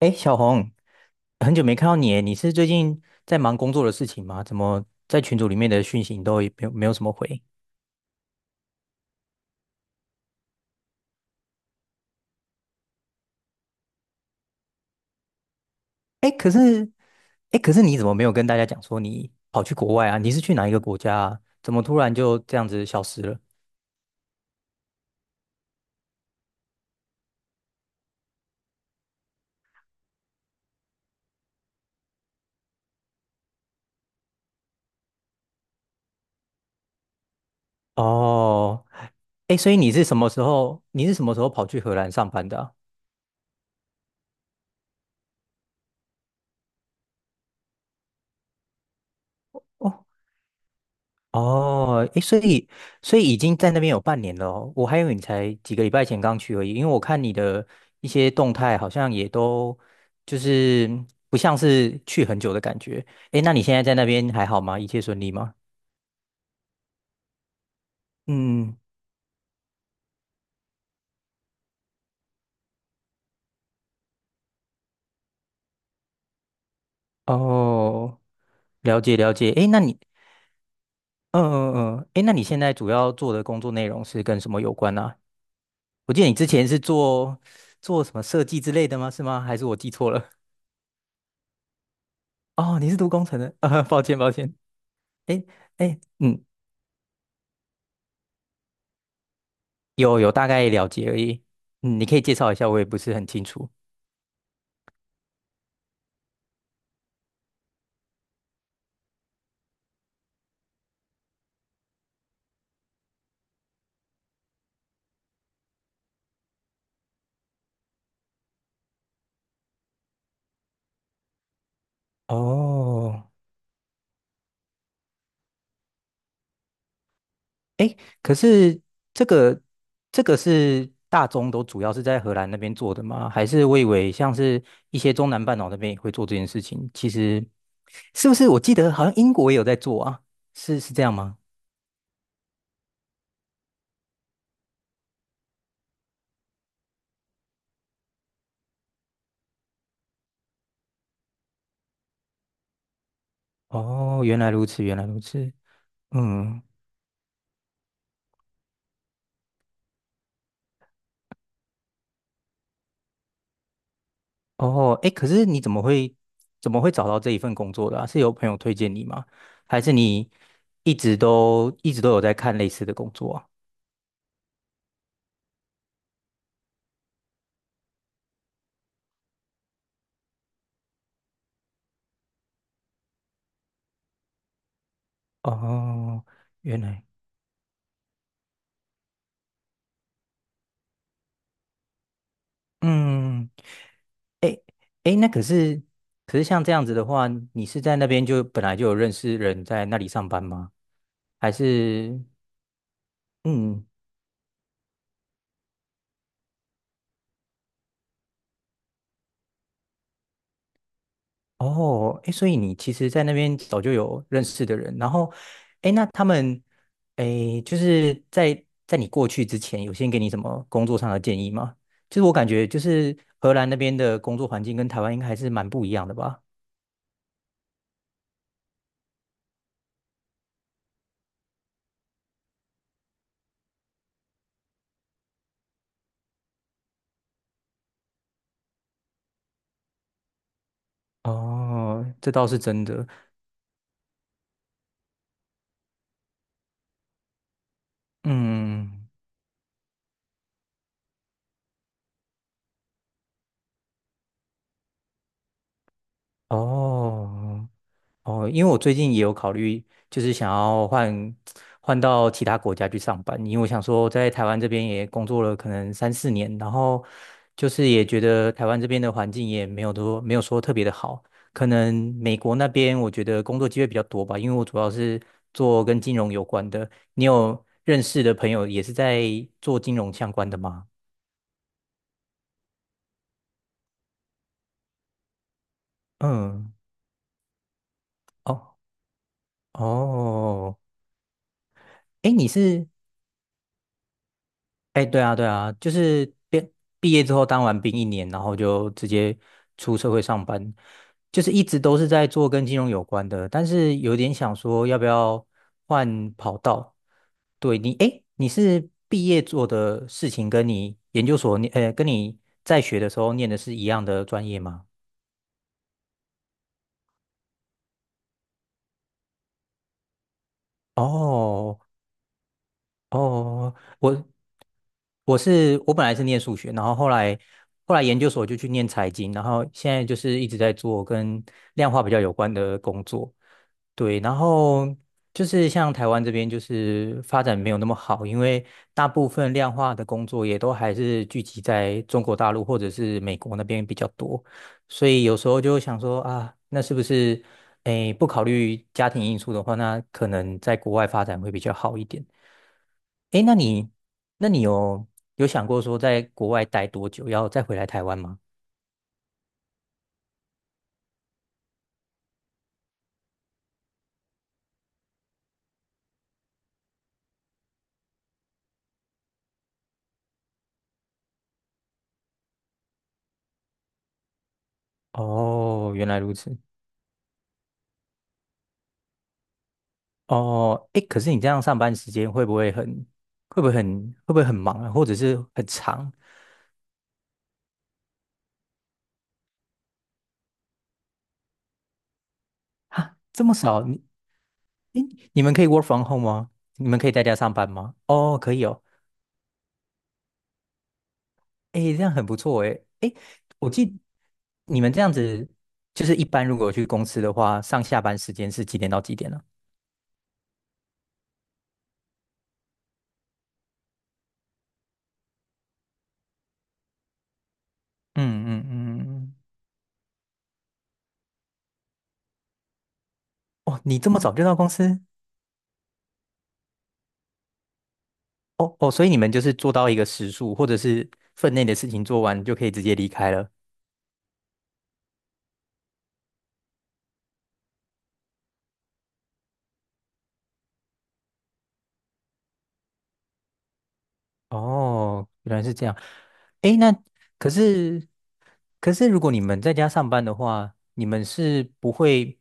哎，小红，很久没看到你耶，你是最近在忙工作的事情吗？怎么在群组里面的讯息你都也没有什么回？哎，可是哎，可是你怎么没有跟大家讲说你跑去国外啊？你是去哪一个国家啊？怎么突然就这样子消失了？哦，哎，所以你是什么时候？你是什么时候跑去荷兰上班的啊？哦哦，诶，所以已经在那边有半年了哦，我还以为你才几个礼拜前刚去而已，因为我看你的一些动态好像也都就是不像是去很久的感觉。诶，那你现在在那边还好吗？一切顺利吗？嗯，哦，了解了解。诶，嗯嗯嗯，诶，那你现在主要做的工作内容是跟什么有关呢啊？我记得你之前是做什么设计之类的吗？是吗？还是我记错了？哦，你是读工程的，啊，抱歉抱歉。哎哎，嗯，有大概了解而已。嗯，你可以介绍一下，我也不是很清楚。哦，可是这个这个是大宗都主要是在荷兰那边做的吗？还是我以为像是一些中南半岛那边也会做这件事情？其实是不是我记得好像英国也有在做啊？是这样吗？哦，原来如此，原来如此。嗯。哦，哎，可是你怎么会找到这一份工作的啊？是有朋友推荐你吗？还是你一直都有在看类似的工作啊？哦，原来，嗯，哎哎，那可是像这样子的话，你是在那边就本来就有认识人在那里上班吗？还是嗯？哦，哎，所以你其实，在那边早就有认识的人，然后，哎，那他们，哎，就是在你过去之前，有先给你什么工作上的建议吗？就是我感觉，就是荷兰那边的工作环境跟台湾应该还是蛮不一样的吧？哦，这倒是真的。嗯，哦，哦，因为我最近也有考虑，就是想要换到其他国家去上班，因为我想说在台湾这边也工作了可能3、4年，然后就是也觉得台湾这边的环境也没有多没有说特别的好，可能美国那边我觉得工作机会比较多吧，因为我主要是做跟金融有关的。你有认识的朋友也是在做金融相关的吗？嗯，哦哦，哎，哎，对啊，对啊，就是毕业之后当完兵一年，然后就直接出社会上班，就是一直都是在做跟金融有关的，但是有点想说要不要换跑道。哎，你是毕业做的事情跟你研究所念，呃，跟你在学的时候念的是一样的专业吗？哦哦，我本来是念数学，然后后来研究所就去念财经，然后现在就是一直在做跟量化比较有关的工作。对，然后就是像台湾这边就是发展没有那么好，因为大部分量化的工作也都还是聚集在中国大陆或者是美国那边比较多，所以有时候就想说啊，那是不是诶不考虑家庭因素的话，那可能在国外发展会比较好一点。诶，那你有想过说在国外待多久，要再回来台湾吗？哦，原来如此。哦，诶，可是你这样上班时间会不会很忙啊，或者是很长啊？这么少，诶，你们可以 work from home 吗？你们可以在家上班吗？哦，可以哦。诶，这样很不错诶。诶，我记你们这样子，就是一般如果去公司的话，上下班时间是几点到几点呢？嗯嗯嗯嗯，嗯哦，你这么早就到公司？哦哦，所以你们就是做到一个时数，或者是分内的事情做完就可以直接离开了。哦，原来是这样。诶，那可是可是如果你们在家上班的话，你们是不会，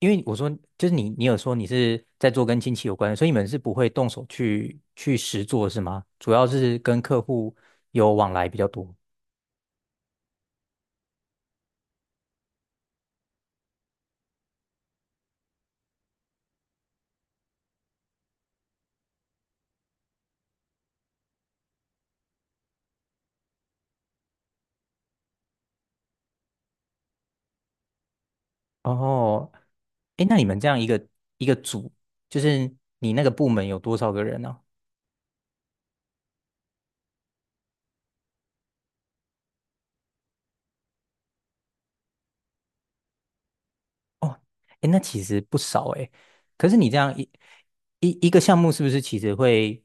因为我说就是你有说你是在做跟亲戚有关的所以你们是不会动手去实做是吗？主要是跟客户有往来比较多。哦，诶，那你们这样一个组，就是你那个部门有多少个人呢？哦，哎，那其实不少哎。可是你这样一个项目，是不是其实会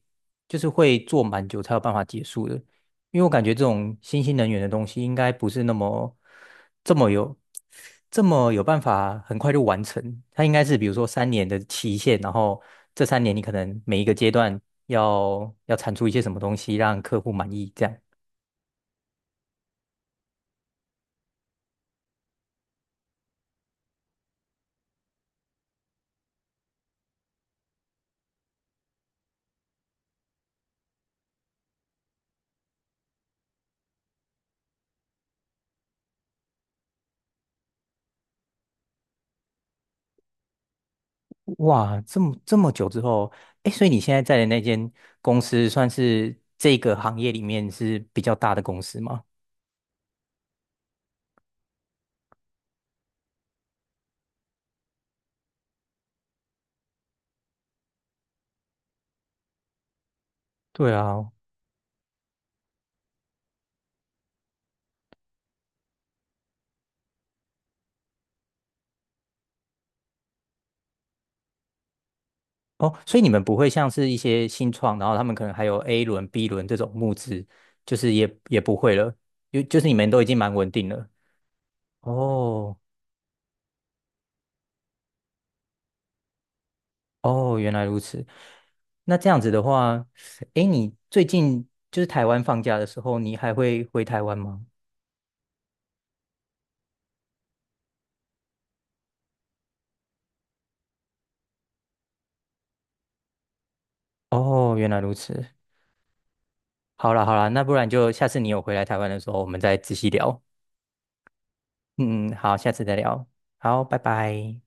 就是会做蛮久才有办法结束的？因为我感觉这种新兴能源的东西，应该不是那么这么有这么有办法很快就完成。它应该是比如说三年的期限，然后这三年你可能每一个阶段要产出一些什么东西，让客户满意，这样。哇，这么久之后，哎，所以你现在在的那间公司算是这个行业里面是比较大的公司吗？对啊，哦，所以你们不会像是一些新创，然后他们可能还有 A 轮、B 轮这种募资，就是也不会了，就是你们都已经蛮稳定了。哦哦，原来如此。那这样子的话，哎，你最近就是台湾放假的时候，你还会回台湾吗？哦，原来如此。好啦好啦，那不然就下次你有回来台湾的时候，我们再仔细聊。嗯，好，下次再聊。好，拜拜。